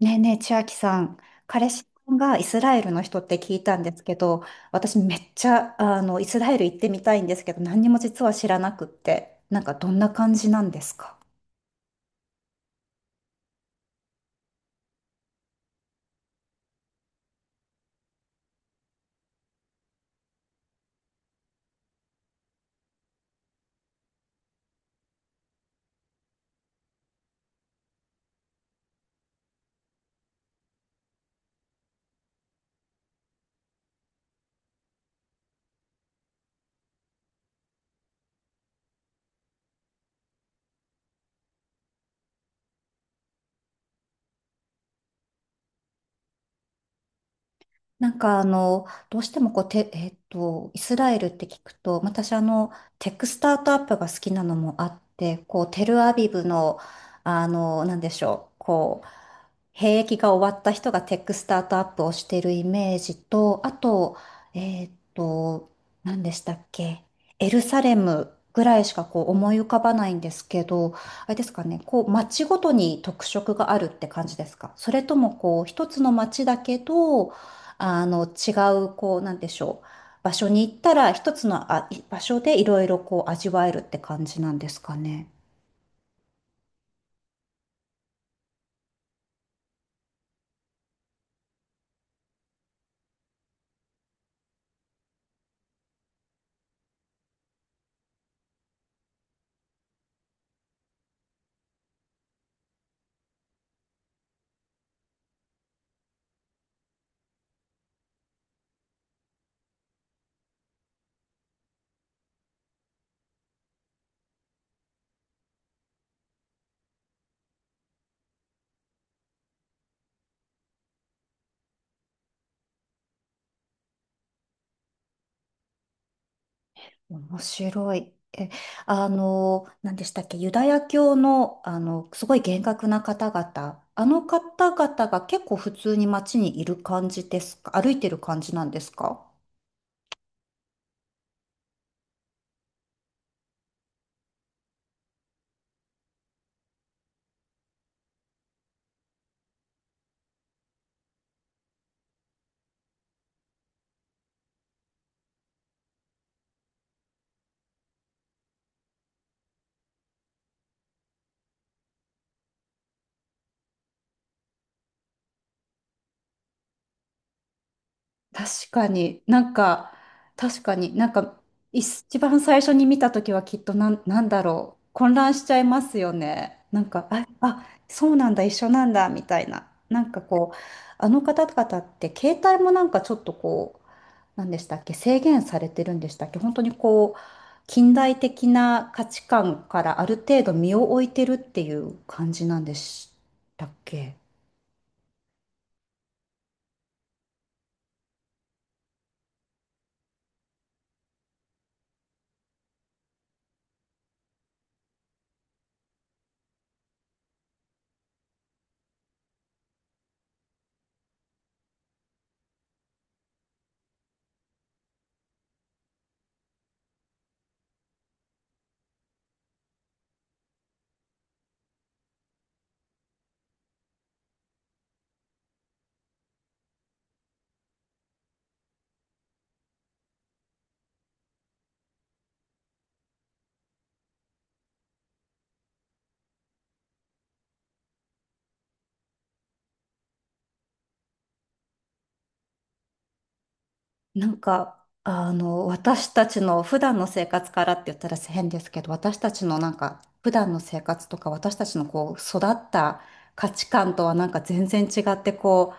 ねえねえ、千秋さん、彼氏さんがイスラエルの人って聞いたんですけど、私めっちゃ、イスラエル行ってみたいんですけど、何にも実は知らなくって、なんかどんな感じなんですか？なんかどうしてもこう、て、えっと、イスラエルって聞くと、私テックスタートアップが好きなのもあって、こう、テルアビブの、なんでしょう、こう、兵役が終わった人がテックスタートアップをしてるイメージと、あと、えーっと、何でしたっけ、エルサレムぐらいしかこう思い浮かばないんですけど、あれですかね、こう街ごとに特色があるって感じですか、それともこう一つの街だけど、違うこうなんでしょう、場所に行ったら一つのあい場所でいろいろこう味わえるって感じなんですかね。面白い。え、何でしたっけ、ユダヤ教の、すごい厳格な方々、あの方々が結構普通に街にいる感じですか、歩いてる感じなんですか？確かになんか、確かになんか、一番最初に見たときはきっとなんだろう、混乱しちゃいますよね。なんか、あ、あ、そうなんだ、一緒なんだ、みたいな。なんかこう、あの方々って携帯もなんかちょっとこう、何でしたっけ、制限されてるんでしたっけ、本当にこう、近代的な価値観からある程度身を置いてるっていう感じなんでしたっけ。なんか、私たちの普段の生活からって言ったら変ですけど、私たちのなんか、普段の生活とか、私たちのこう、育った価値観とはなんか全然違って、こう、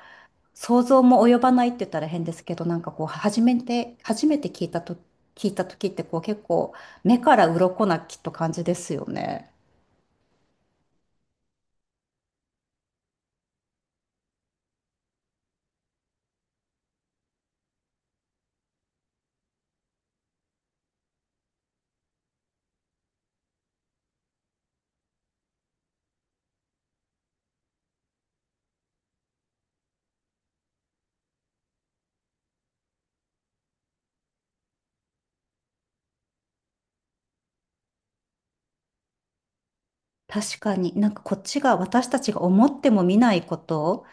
想像も及ばないって言ったら変ですけど、なんかこう、初めて聞いたと、聞いた時ってこう、結構、目から鱗なきっと感じですよね。確かに、なんかこっちが、私たちが思っても見ないこと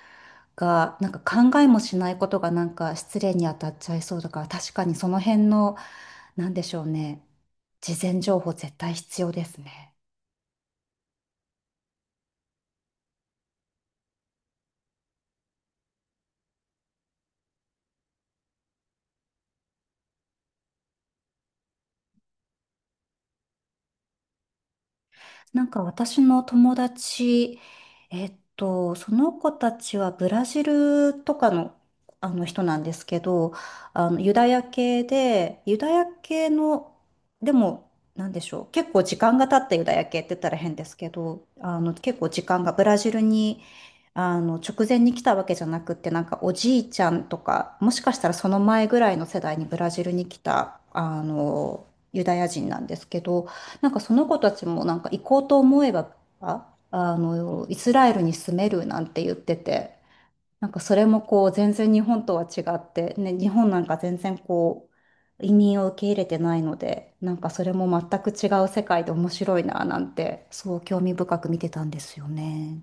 が、なんか考えもしないことがなんか失礼に当たっちゃいそうだから、確かにその辺の、なんでしょうね、事前情報絶対必要ですね。なんか私の友達、その子たちはブラジルとかの、あの人なんですけど、あのユダヤ系で、ユダヤ系の、でも、なんでしょう、結構時間が経ったユダヤ系って言ったら変ですけど、あの結構時間がブラジルに、直前に来たわけじゃなくって、なんかおじいちゃんとか、もしかしたらその前ぐらいの世代にブラジルに来た、ユダヤ人なんですけど、なんかその子たちもなんか行こうと思えば、ああの、イスラエルに住めるなんて言ってて、なんかそれもこう全然日本とは違って、ね、日本なんか全然こう移民を受け入れてないので、なんかそれも全く違う世界で面白いななんて、そう興味深く見てたんですよね。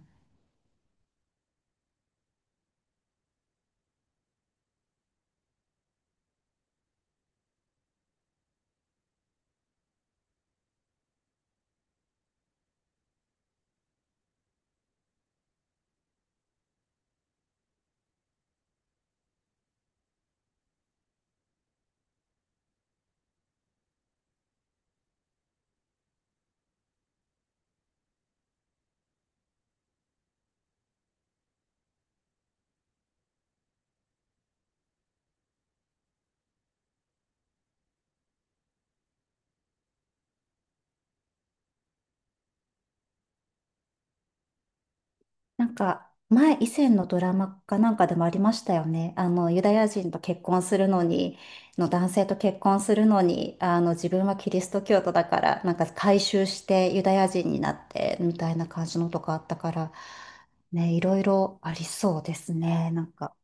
なんか、前、以前のドラマかなんかでもありましたよね。ユダヤ人と結婚するのに、の男性と結婚するのに、自分はキリスト教徒だから、なんか改宗してユダヤ人になって、みたいな感じのとかあったから、ね、いろいろありそうですね。なんか、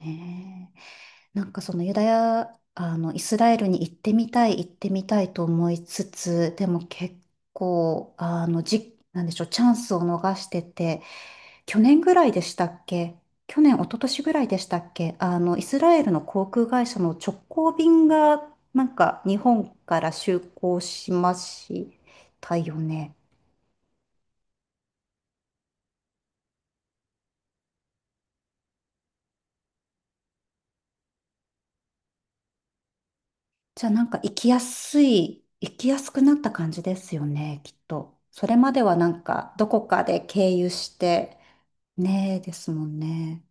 ねえ。なんかそのユダヤ、イスラエルに行ってみたい、行ってみたいと思いつつ、でも結構、なんでしょう、チャンスを逃してて、去年ぐらいでしたっけ、去年、一昨年ぐらいでしたっけ、イスラエルの航空会社の直行便が、なんか、日本から就航しましたよね。じゃあ、なんか、行きやすい、行きやすくなった感じですよね、きっと。それまでは、なんか、どこかで経由して、ねえ、ですもんね。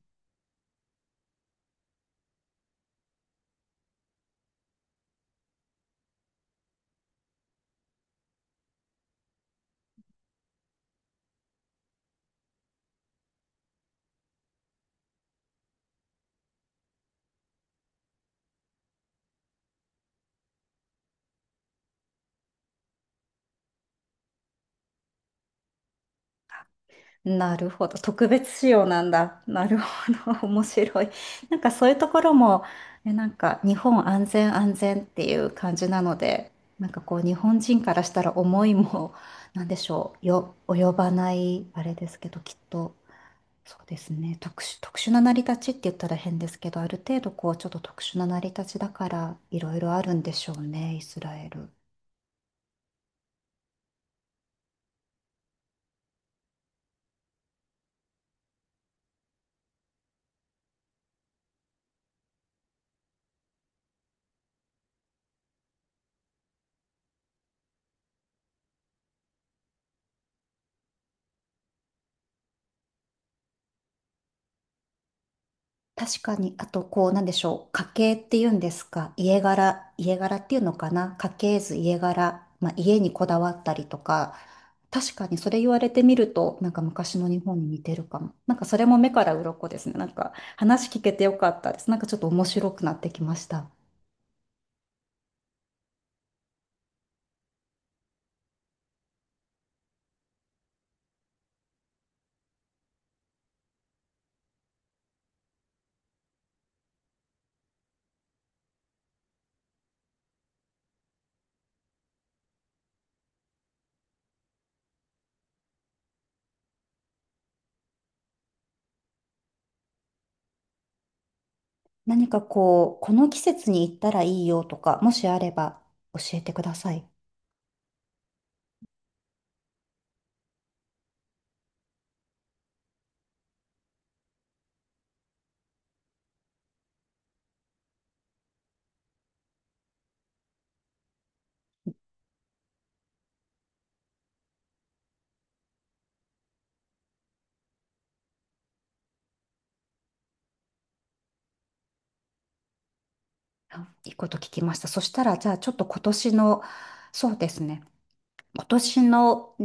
なるほど。特別仕様なんだ。なるほど。面白い。なんかそういうところも、え、なんか日本安全安全っていう感じなので、なんかこう日本人からしたら思いも、なんでしょう、よ、及ばない、あれですけど、きっと、そうですね。特殊、特殊な成り立ちって言ったら変ですけど、ある程度こうちょっと特殊な成り立ちだから、いろいろあるんでしょうね、イスラエル。確かに、あと、こう、なんでしょう。家系っていうんですか。家柄、家柄っていうのかな。家系図、家柄。まあ、家にこだわったりとか。確かに、それ言われてみると、なんか昔の日本に似てるかも。なんかそれも目から鱗ですね。なんか話聞けてよかったです。なんかちょっと面白くなってきました。何かこう、この季節に行ったらいいよとか、もしあれば教えてください。あ、いいこと聞きました。そしたら、じゃあちょっと今年の、そうですね、今年の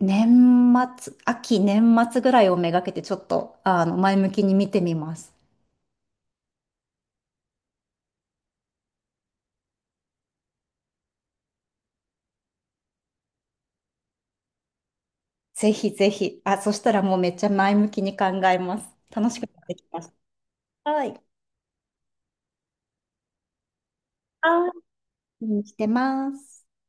年秋、年末ぐらいをめがけてちょっと、前向きに見てみます。ぜひぜひ。あ、そしたらもうめっちゃ前向きに考えます。楽しくなってきました。はい。あーしてます。